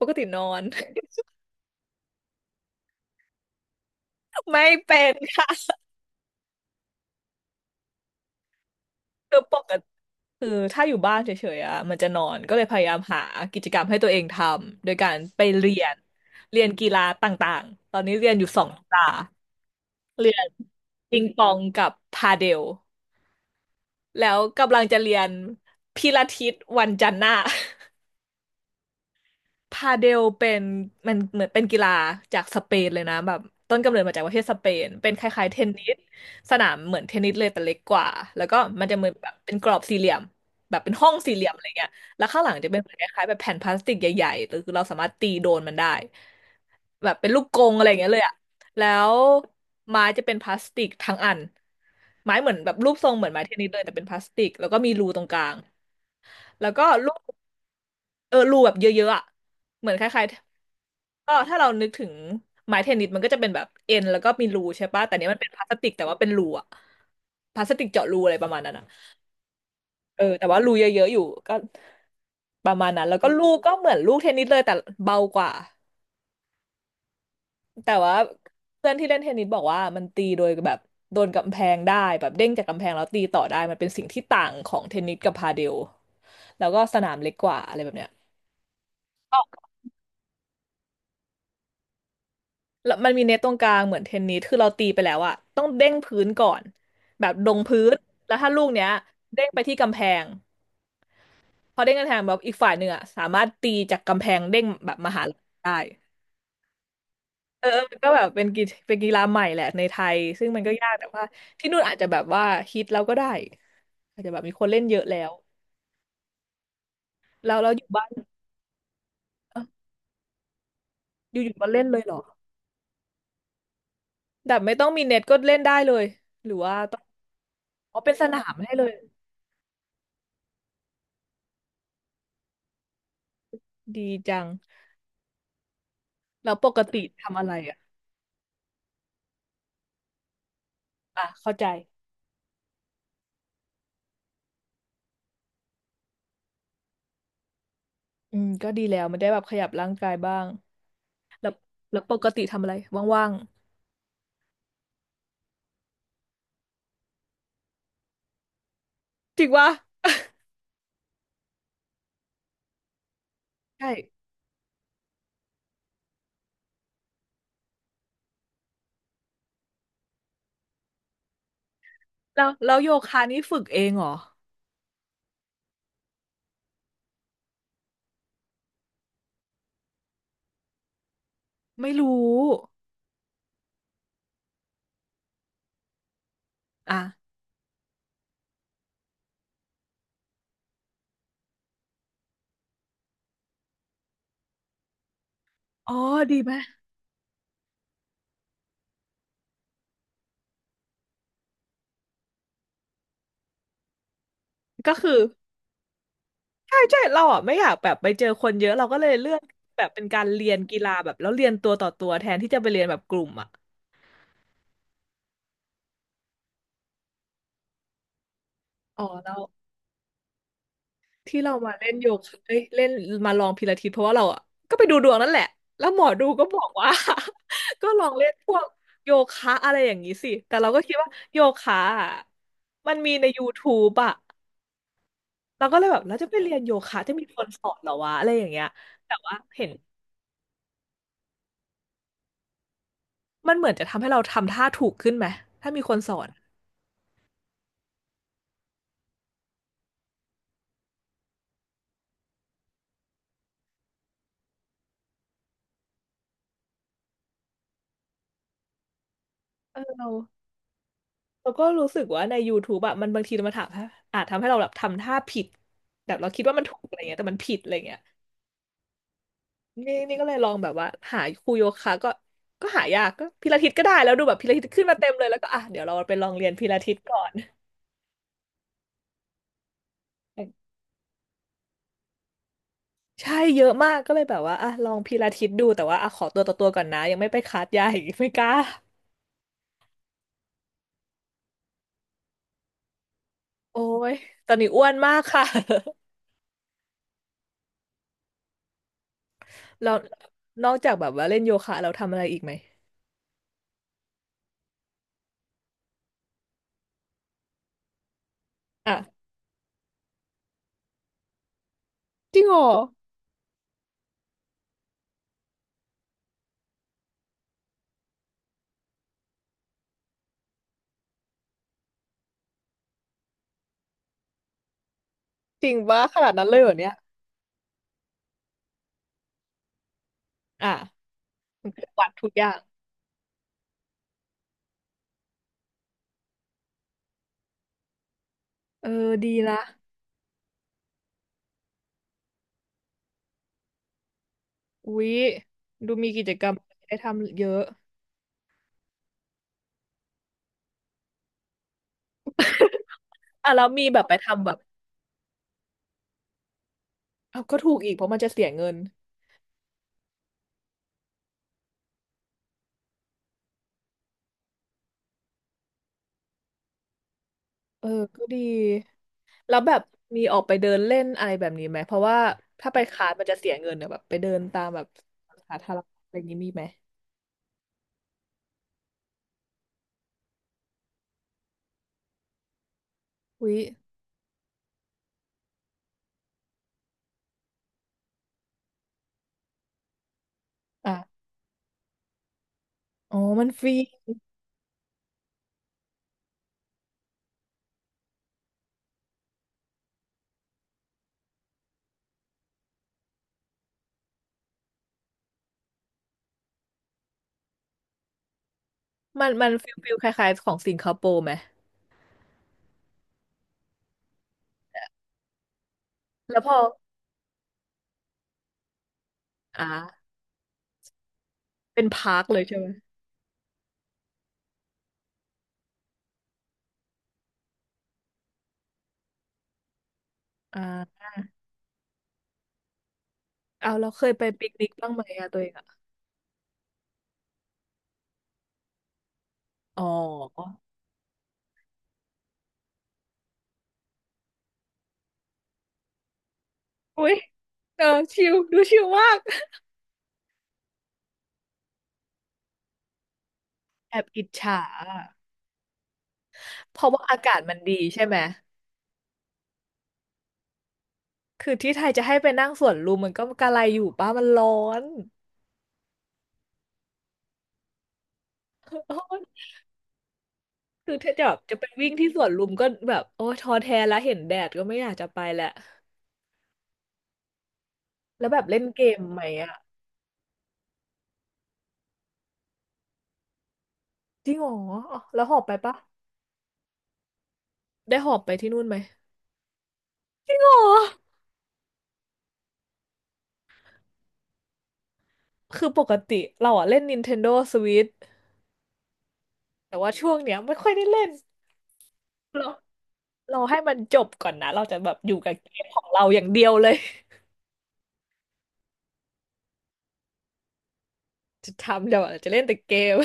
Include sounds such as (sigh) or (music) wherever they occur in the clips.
ปกตินอน (laughs) ไม่เป็นค่ะ (laughs) คือปกติคือถ้าอยู่บ้านเฉยๆอ่ะมันจะนอนก็เลยพยายามหากิจกรรมให้ตัวเองทำโดยการไปเรียนเรียนกีฬาต่างๆตอนนี้เรียนอยู่สองกีฬาเรียนปิงปองกับพาเดลแล้วกำลังจะเรียนพิลาทิสวันจันทร์หน้า พาเดลเป็นมันเหมือนเป็นกีฬาจากสเปนเลยนะแบบต้นกำเนิดมาจากประเทศสเปนเป็นคล้ายๆเทนนิสสนามเหมือนเทนนิสเลยแต่เล็กกว่าแล้วก็มันจะเหมือนแบบเป็นกรอบสี่เหลี่ยมแบบเป็นห้องสี่เหลี่ยมอะไรเงี้ยแล้วข้างหลังจะเป็นเหมือนคล้ายๆแบบแผ่นพลาสติกใหญ่ๆหรือเราสามารถตีโดนมันได้แบบเป็นลูกกรงอะไรอย่างเงี้ยเลยอะแล้วไม้จะเป็นพลาสติกทั้งอันไม้เหมือนแบบรูปทรงเหมือนไม้เทนนิสเลยแต่เป็นพลาสติกแล้วก็มีรูตรงกลางแล้วก็ลูกเออรูแบบเยอะๆอะเหมือนคล้ายๆ ก็ถ้าเรานึกถึงไม้เทนนิสมันก็จะเป็นแบบเอ็นแล้วก็มีรูใช่ปะแต่เนี้ยมันเป็นพลาสติกแต่ว่าเป็นรูอะพลาสติกเจาะรูอะไรประมาณนั้นอะเออแต่ว่ารูเยอะๆอยู่ก็ประมาณนั้นแล้วก็ลูกก็เหมือนลูกเทนนิสเลยแต่เบากว่าแต่ว่าเพื่อนที่เล่นเทนนิสบอกว่ามันตีโดยแบบโดนกำแพงได้แบบเด้งจากกำแพงแล้วตีต่อได้มันเป็นสิ่งที่ต่างของเทนนิสกับพาเดลแล้วก็สนามเล็กกว่าอะไรแบบเนี้ย แล้วมันมีเน็ตตรงกลางเหมือนเทนนิสคือเราตีไปแล้วอะต้องเด้งพื้นก่อนแบบลงพื้นแล้วถ้าลูกเนี้ยเด้งไปที่กำแพงพอเด้งกำแพงแบบอีกฝ่ายหนึ่งอะสามารถตีจากกำแพงเด้งแบบมาหาเราได้เออมันก็แบบเป็นกีฬาใหม่แหละในไทยซึ่งมันก็ยากแต่ว่าที่นู่นอาจจะแบบว่าฮิตแล้วก็ได้อาจจะแบบมีคนเล่นเยอะแล้วเราอยู่บ้านเอ้าอยู่มาเล่นเลยเหรอแบบไม่ต้องมีเน็ตก็เล่นได้เลยหรือว่าต้องอ๋อเป็นสนามให้เลยดีจังแล้วปกติทำอะไรอ่ะ อ่ะเข้าใจอืมก็ดีแล้วมันได้แบบขยับร่างกายบ้างแล้วแล้วปกติทำอะไรว่างๆจริงวะใช่แล้วโยคะนี่ฝึกเองเหรอไม่รู้อ่ะอ๋อดีไหมก็คือใช่ใช่เราอ่ะไม่อยากแบบไปเจอคนเยอะเราก็เลยเลือกแบบเป็นการเรียนกีฬาแบบแล้วเรียนตัวต่อตัวแทนที่จะไปเรียนแบบกลุ่มอ่ะอ๋อเรา ที่เรามาเล่นโยคะเอ้ยเล่นมาลองพิลาทิสเพราะว่าเราอ่ะก็ไปดูดวงนั่นแหละแล้วหมอดูก็บอกว่า (laughs) ก็ลองเล่นพวกโยคะอะไรอย่างนี้สิแต่เราก็คิดว่าโยคะอะมันมีใน YouTube อ่ะเราก็เลยแบบเราจะไปเรียนโยคะจะมีคนสอนเหรอวะอะไรอย่างเงี้ยแต่ว่าเห็นมันเหมือนจะทำให้เราทำท่าถูกขึ้นไหมถ้ามีคนสอนเออเราก็รู้สึกว่าในย o ท t บ e อะมันบางทีมันถามอาจทำให้เราแบบทำท่าผิดแบบเราคิดว่ามันถูกอะไรเงี้ยแต่มันผิดอะไรเงี้ย นี่ก็เลยลองแบบว่าหาครูโยคะก็หายากก็พิลาทิสก็ได้แล้วดูแบบพิลาทิสขึ้นมาเต็มเลยแล้วก็อ่ะเดี๋ยวเราไปลองเรียนพิลาทิสก่อนใช่เยอะมากก็เลยแบบว่าอ่ะลองพิลาทิสดูแต่ว่าอ่ะขอตัวต่อตัวก่อนนะยังไม่ไปคลาสใหญ่ (laughs) ไม่กล้าโอ้ยตอนนี้อ้วนมากค่ะ (laughs) เรานอกจากแบบว่าเล่นโยคะเราทำอะไรอีกไหมอ่ะจริงเหรอจริงปะขนาดนั้นเลยเหรอเนี่ยอ่ะมันคือวัดทุกอย่างเออดีละอุ๊ยดูมีกิจกรรมให้ทำเยอะ อ่ะแล้วมีแบบไปทำแบบเอาก็ถูกอีกเพราะมันจะเสียเงินเออก็ดีแล้วแบบมีออกไปเดินเล่นอะไรแบบนี้ไหมเพราะว่าถ้าไปคาสมันจะเสียเงินเนี่ยแบบไปเดินตามแบบสาธารณะอะไรอย่างนี้มีไหมอุ๊ยอ่ะอ๋อมันฟรีมันฟิลคล้ายๆของสิงคโปร์ไหมแล้วพออ่าเป็นพาร์คเลยใช่ไหมอ่าเอาเราเคยไปปิกนิกบ้างไหมอะตัวเองอะอ๋ออุ๊ยเออชิลดูชิลมากแอบอิจฉาอะเพราะว่าอากาศมันดีใช่ไหม คือที่ไทยจะให้ไปนั่งสวนลุมมันก็กะไรอยู่ป้ามันร้อน (laughs) โอ้ยคือถ้าจะแบบจะไปวิ่งที่สวนลุมก็แบบโอ้ยท้อแท้แล้วเห็นแดดก็ไม่อยากจะไปแหละ แล้วแบบเล่นเกมไหมอะจริงเหรออ๋อแล้วหอบไปปะได้หอบไปที่นู่นไหมอรอคือปกติเราอะเล่น Nintendo Switch แต่ว่าช่วงเนี้ยไม่ค่อยได้เล่นเราเราให้มันจบก่อนนะ เราจะแบบอยู่กับเกมของเราอย่างเดียวเลยจะทำเดี๋ยวจะเล่นแต่เกม (laughs)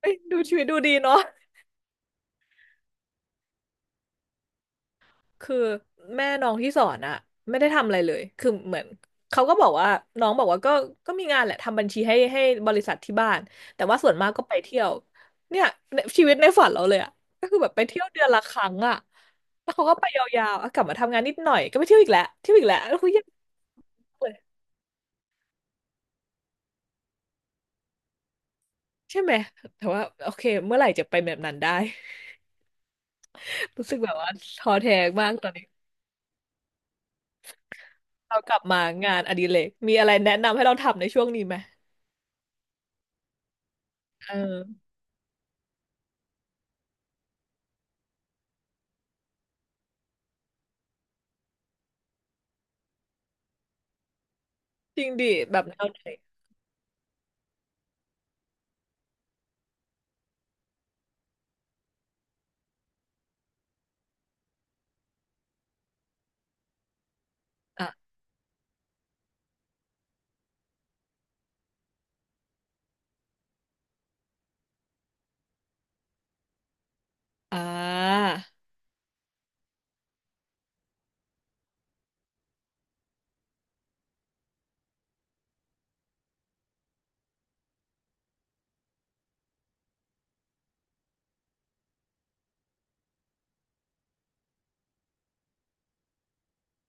เอ้ยดูชีวิตดูดีเนาะ คือแม่น้องที่สอนอะไม่ได้ทำอะไรเลยคือเหมือนเขาก็บอกว่าน้องบอกว่าก็มีงานแหละทำบัญชีให้บริษัทที่บ้านแต่ว่าส่วนมากก็ไปเที่ยวเนี่ยชีวิตในฝันเราเลยอะก็คือแบบไปเที่ยวเดือนละครั้งอะแล้วเขาก็ไปยาวๆอะกลับมาทำงานนิดหน่อยก็ไปเที่ยวอีกแล้วเที่ยวอีกแล้วแล้วคุยาเลยใช่ไหมแต่ว่าโอเคเมื่อไหร่จะไปแบบนั้นได้ (laughs) รู้สึกแบบว่าท้อแท้มากตอนนี้เรากลับมางานอดิเรกมีอะไรแนะนำให้เราทำในช่วงนี้ไหมเออ จริงดิแบบแนวไหนอ่ะอ่า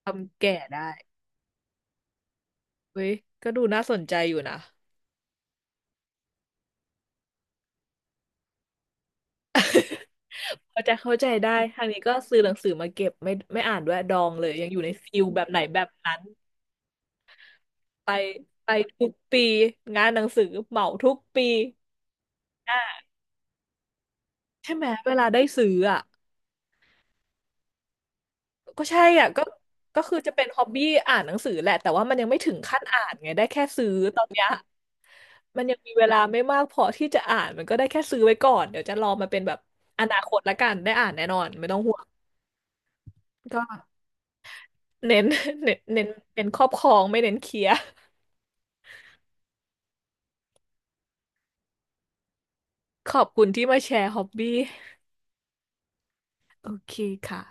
ทำแก่ได้เว้ย ก็ดูน่าสนใจอยู่นะเขาใจเข้าใจได้ทางนี้ก็ซื้อหนังสือมาเก็บไม่อ่านด้วยดองเลยยังอยู่ในฟิลแบบไหนแบบนั้นไปไปทุกปีงานหนังสือเหมาทุกปีอ่าใช่ไหมเวลาได้ซื้ออ่ะก็ใช่อ่ะก็ก็คือจะเป็นฮอบบี้อ่านหนังสือแหละแต่ว่ามันยังไม่ถึงขั้นอ่านไงได้แค่ซื้อตอนเนี้ย มันยังมีเวลาไม่มากพอที่จะอ่านมันก็ได้แค่ซื้อไว้ก่อนเดี๋ยวจะรอมาเป็นแบบอนาคตละกันได้อ่านแน่นอนไม่ต้องห่วงก็เน้นเน้นเน้นครอบครองไม่เน้นเคลียร์ขอบคุณที่มาแชร์ฮอบบี้โอเคค่ะ